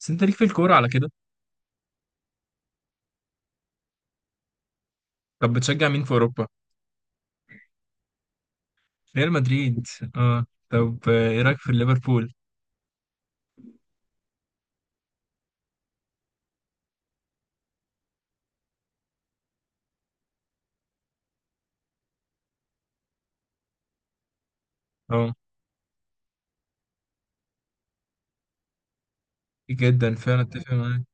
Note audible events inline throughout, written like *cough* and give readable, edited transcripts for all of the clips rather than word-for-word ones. بس انت ليك في الكورة على كده. طب بتشجع مين في اوروبا؟ ريال مدريد، اه. طب ايه رايك في ليفربول؟ اه، جدا فعلا اتفق معاك.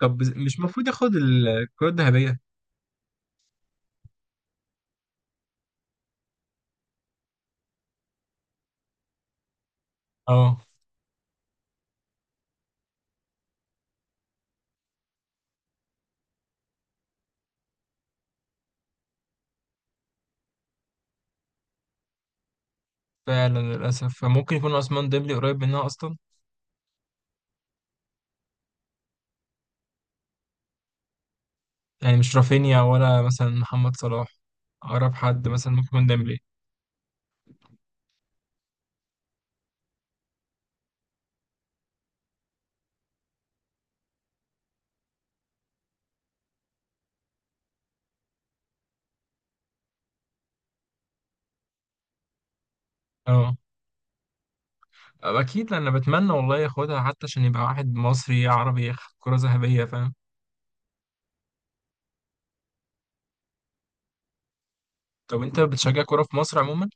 طب مش المفروض ياخد الكرة الذهبية؟ اه فعلا للاسف، فممكن يكون عثمان ديمبلي قريب منها اصلا. يعني مش رافينيا ولا مثلا محمد صلاح؟ اقرب حد مثلا ممكن يكون ديمبلي. اه اكيد، انا بتمنى والله ياخدها حتى عشان يبقى واحد مصري عربي ياخد كرة ذهبية، فاهم. طب انت بتشجع كرة في مصر عموما،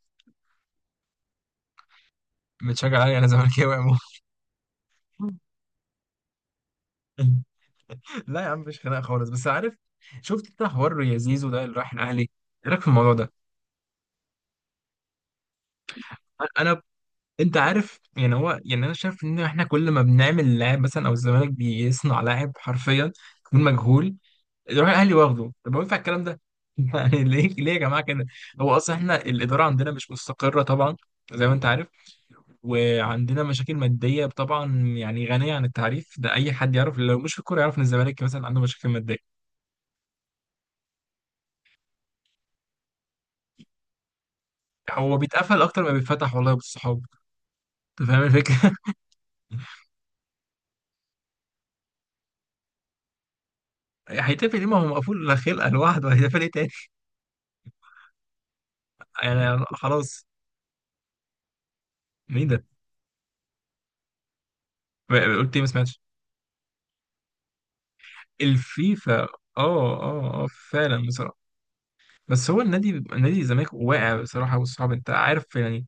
بتشجع ايه؟ انا زملكاوي عموما. *laughs* لا يا عم، مفيش خناقه خالص، بس عارف، شفت انت حوار يا زيزو ده اللي راح الاهلي؟ ايه رايك في الموضوع ده؟ انا، انت عارف، يعني هو يعني انا شايف ان احنا كل ما بنعمل لاعب مثلا، او الزمالك بيصنع لاعب حرفيا، يكون مجهول، يروح الاهلي واخده. طب هو ينفع الكلام ده؟ *laughs* يعني ليه ليه يا جماعه كده؟ هو اصلا احنا الاداره عندنا مش مستقره طبعا، زي ما انت عارف، وعندنا مشاكل ماديه طبعا، يعني غنيه عن التعريف، ده اي حد يعرف لو مش في الكوره يعرف ان الزمالك مثلا عنده مشاكل ماديه. هو بيتقفل اكتر ما بيتفتح والله بالصحاب. أنت فاهم الفكرة؟ *laughs* هيتقفل ليه؟ ما هو مقفول خلقة لوحده، هيتقفل إيه تاني؟ يعني خلاص. مين ده؟ قلت إيه؟ ما سمعتش. الفيفا، آه. آه آه فعلا بصراحة. بس هو النادي، نادي الزمالك واقع بصراحة، والصعب أنت عارف يعني،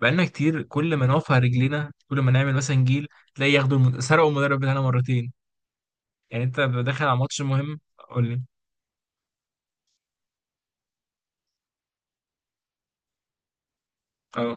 بقالنا كتير كل ما نقف على رجلينا، كل ما نعمل مثلا جيل تلاقي ياخدوا سرقوا المدرب بتاعنا مرتين، يعني أنت داخل على ماتش مهم. قول لي. آه.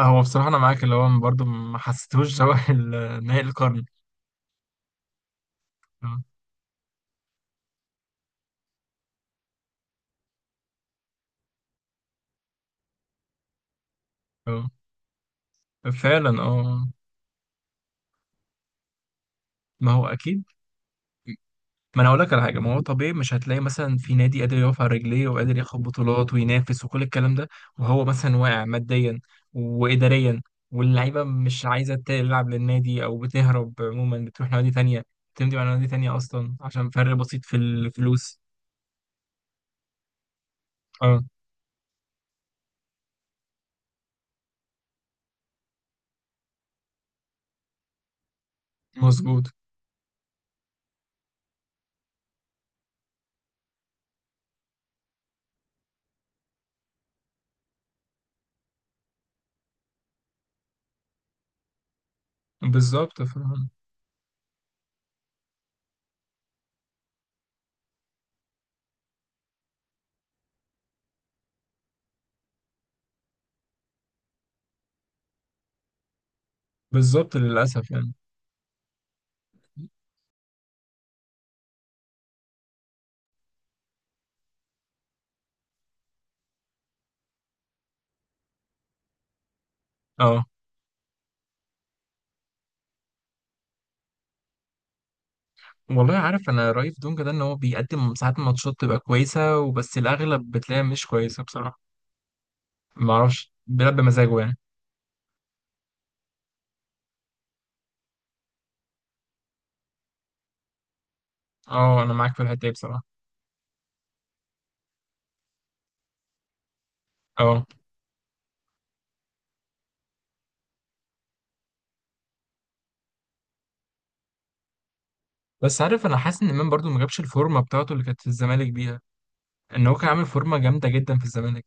هو بصراحة أنا معاك، اللي هو برضه ما حسيتهوش شبه نهائي القرن. آه آه فعلا آه. ما هو أكيد، ما انا هقول لك على حاجه، ما هو طبيعي مش هتلاقي مثلا في نادي قادر يقف على رجليه، وقادر ياخد بطولات، وينافس وكل الكلام ده، وهو مثلا واقع ماديا واداريا، واللعيبه مش عايزه تلعب للنادي او بتهرب عموما، بتروح نوادي تانية، بتمضي على نوادي تانية اصلا عشان فرق بسيط في الفلوس. اه مظبوط. بالظبط فاهم. بالظبط للاسف يعني. اه والله عارف، انا رايف دونجا ده ان هو بيقدم ساعات ماتشات تبقى كويسه، وبس الاغلب بتلاقيها مش كويسه بصراحه. ما اعرفش، بيلعب بمزاجه يعني. اه انا معاك في الحته دي بصراحه. اه بس عارف، انا حاسس ان امام برضو ما جابش الفورمه بتاعته اللي كانت في الزمالك بيها، ان هو كان عامل فورمه جامده جدا في الزمالك.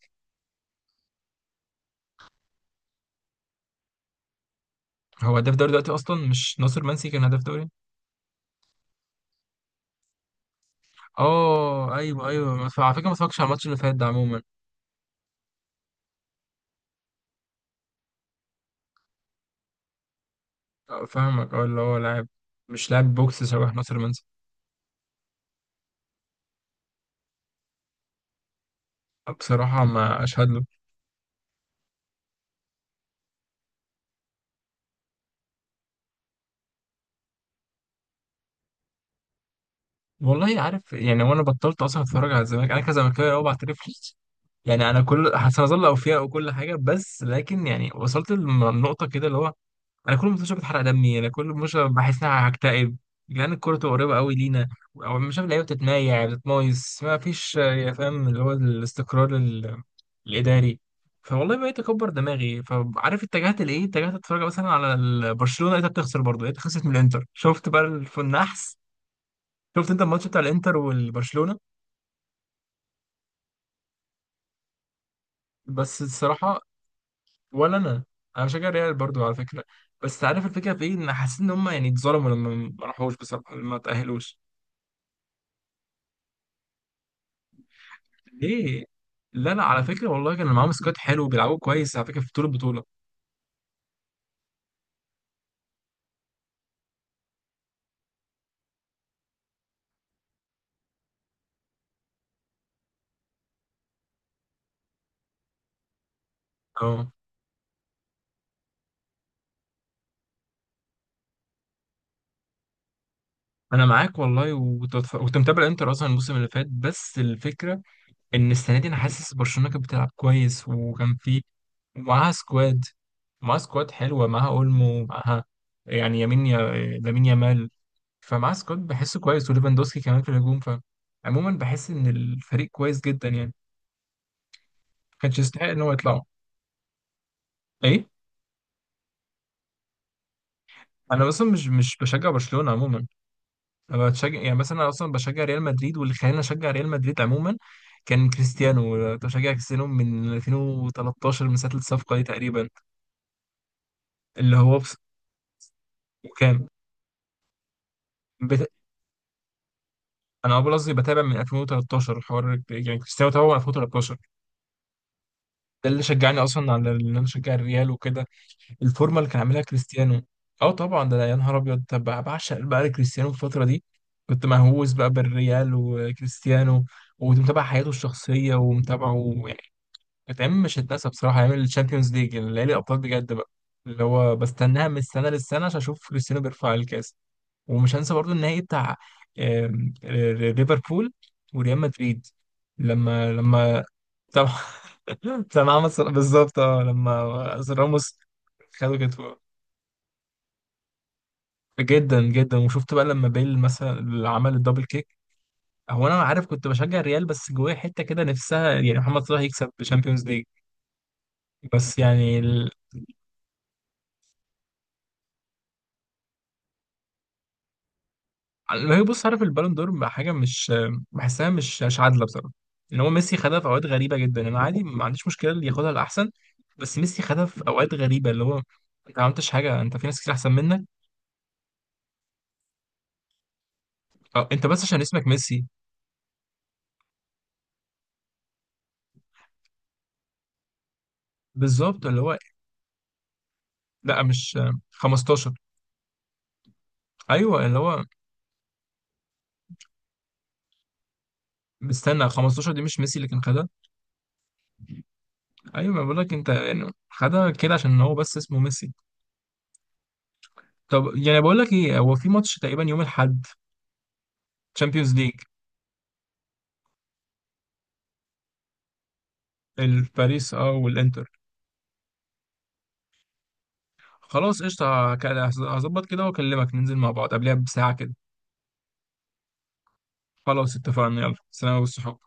هو هداف دوري دلوقتي اصلا، مش ناصر منسي كان هداف دوري. اه ايوه ايوه، على فكره ما اتفرجتش على الماتش اللي فات ده عموما. آه، فاهمك، اه اللي هو لاعب، مش لاعب بوكس شبه ناصر منسي. اه، بصراحه ما اشهد له. والله عارف يعني، وانا بطلت اصلا اتفرج على الزمالك، انا كزملكاوي اه بعترف. *laughs* يعني انا كل هظل اوفياء وكل حاجه، بس لكن يعني وصلت لنقطه كده اللي هو، انا كل ما بشوف بتحرق دمي، انا كل ما بشوف بحس ان انا هكتئب، لان الكوره تبقى قريبه قوي لينا، او مش شايف اللعيبه بتتمايع بتتمايس ما فيش يا فاهم اللي هو الاستقرار الاداري. فوالله بقيت اكبر دماغي، فعارف اتجهت لايه؟ اتجهت اتفرج مثلا على برشلونه، لقيتها بتخسر برضه، لقيتها خسرت من الانتر، شفت بقى النحس. شفت انت الماتش بتاع الانتر والبرشلونه؟ بس الصراحه، ولا انا، انا بشجع ريال برضه على فكره. بس عارف الفكره في ايه؟ ان حاسس ان هم يعني اتظلموا لما ما راحوش بصراحه، لما ما تاهلوش. ليه؟ لا لا على فكرة والله، كان معاهم سكواد حلو وبيلعبوا كويس على فكرة في طول البطولة. اه انا معاك والله، وتتف- وكنت بتف- كنت متابع انتر اصلا الموسم اللي فات، بس الفكرة ان السنة دي انا حاسس برشلونة كانت بتلعب كويس، وكان في ومعاها سكواد، معاها سكواد حلوة، معاها اولمو، معاها يعني يمين يا لامين يامال، فمعاها سكواد بحسه كويس، وليفاندوسكي كمان في الهجوم، فعموما بحس ان الفريق كويس جدا يعني. ما كانش يستحق ان هو يطلع. ايه؟ انا اصلا مش بشجع برشلونة عموما. انا بشجع يعني مثلا، انا اصلا بشجع ريال مدريد، واللي خلاني اشجع ريال مدريد عموما كان كريستيانو، كنت بشجع كريستيانو من 2013، من ساعه الصفقه دي تقريبا. اللي هو بس، وكان بت... انا اول قصدي بتابع من 2013 الحوار، يعني كريستيانو تابعه من 2013. ده اللي شجعني اصلا على ان انا اشجع الريال وكده، الفورمه اللي كان عاملها كريستيانو. اه طبعا، ده أنا يا نهار ابيض، طب بعشق بقى كريستيانو في الفتره دي، كنت مهووس بقى بالريال وكريستيانو، وكنت متابع حياته الشخصيه ومتابعه. الأيام مش هتنسى بصراحة، أيام الشامبيونز ليج اللي هي الأبطال بجد بقى، اللي هو بستناها من السنة للسنة عشان أشوف كريستيانو بيرفع الكاس. ومش هنسى برضو النهائي بتاع، آم، ر- ليفربول وريال مدريد، لما طبعا. *laughs* طبعا عمل بالظبط، اه لما راموس خدوا كتفه. جدا جدا. وشفت بقى لما بيل مثلا اللي عمل الدبل كيك؟ هو انا عارف كنت بشجع الريال، بس جوايا حته كده نفسها يعني محمد صلاح يكسب الشامبيونز ليج. بس يعني، لا بص، عارف البالون دور بقى حاجه مش بحسها، مش مش عادله بصراحه. ان هو ميسي خدها في اوقات غريبه جدا، انا عادي ما عنديش مشكله اللي ياخدها الاحسن، بس ميسي خدها في اوقات غريبه، اللي هو انت ما عملتش حاجه، انت في ناس كتير احسن منك، أو انت بس عشان اسمك ميسي. بالظبط اللي هو، لا مش 15. ايوه، اللي هو مستنى 15، دي مش ميسي اللي كان خدها. ايوه، ما بقول لك انت، يعني خدها كده عشان هو بس اسمه ميسي. طب يعني بقول لك ايه، هو في ماتش تقريبا يوم الاحد، تشامبيونز ليج، الباريس اه والانتر. خلاص قشطة، هظبط كده واكلمك ننزل مع بعض قبلها بساعة كده. خلاص اتفقنا، يلا سلام والصحاب.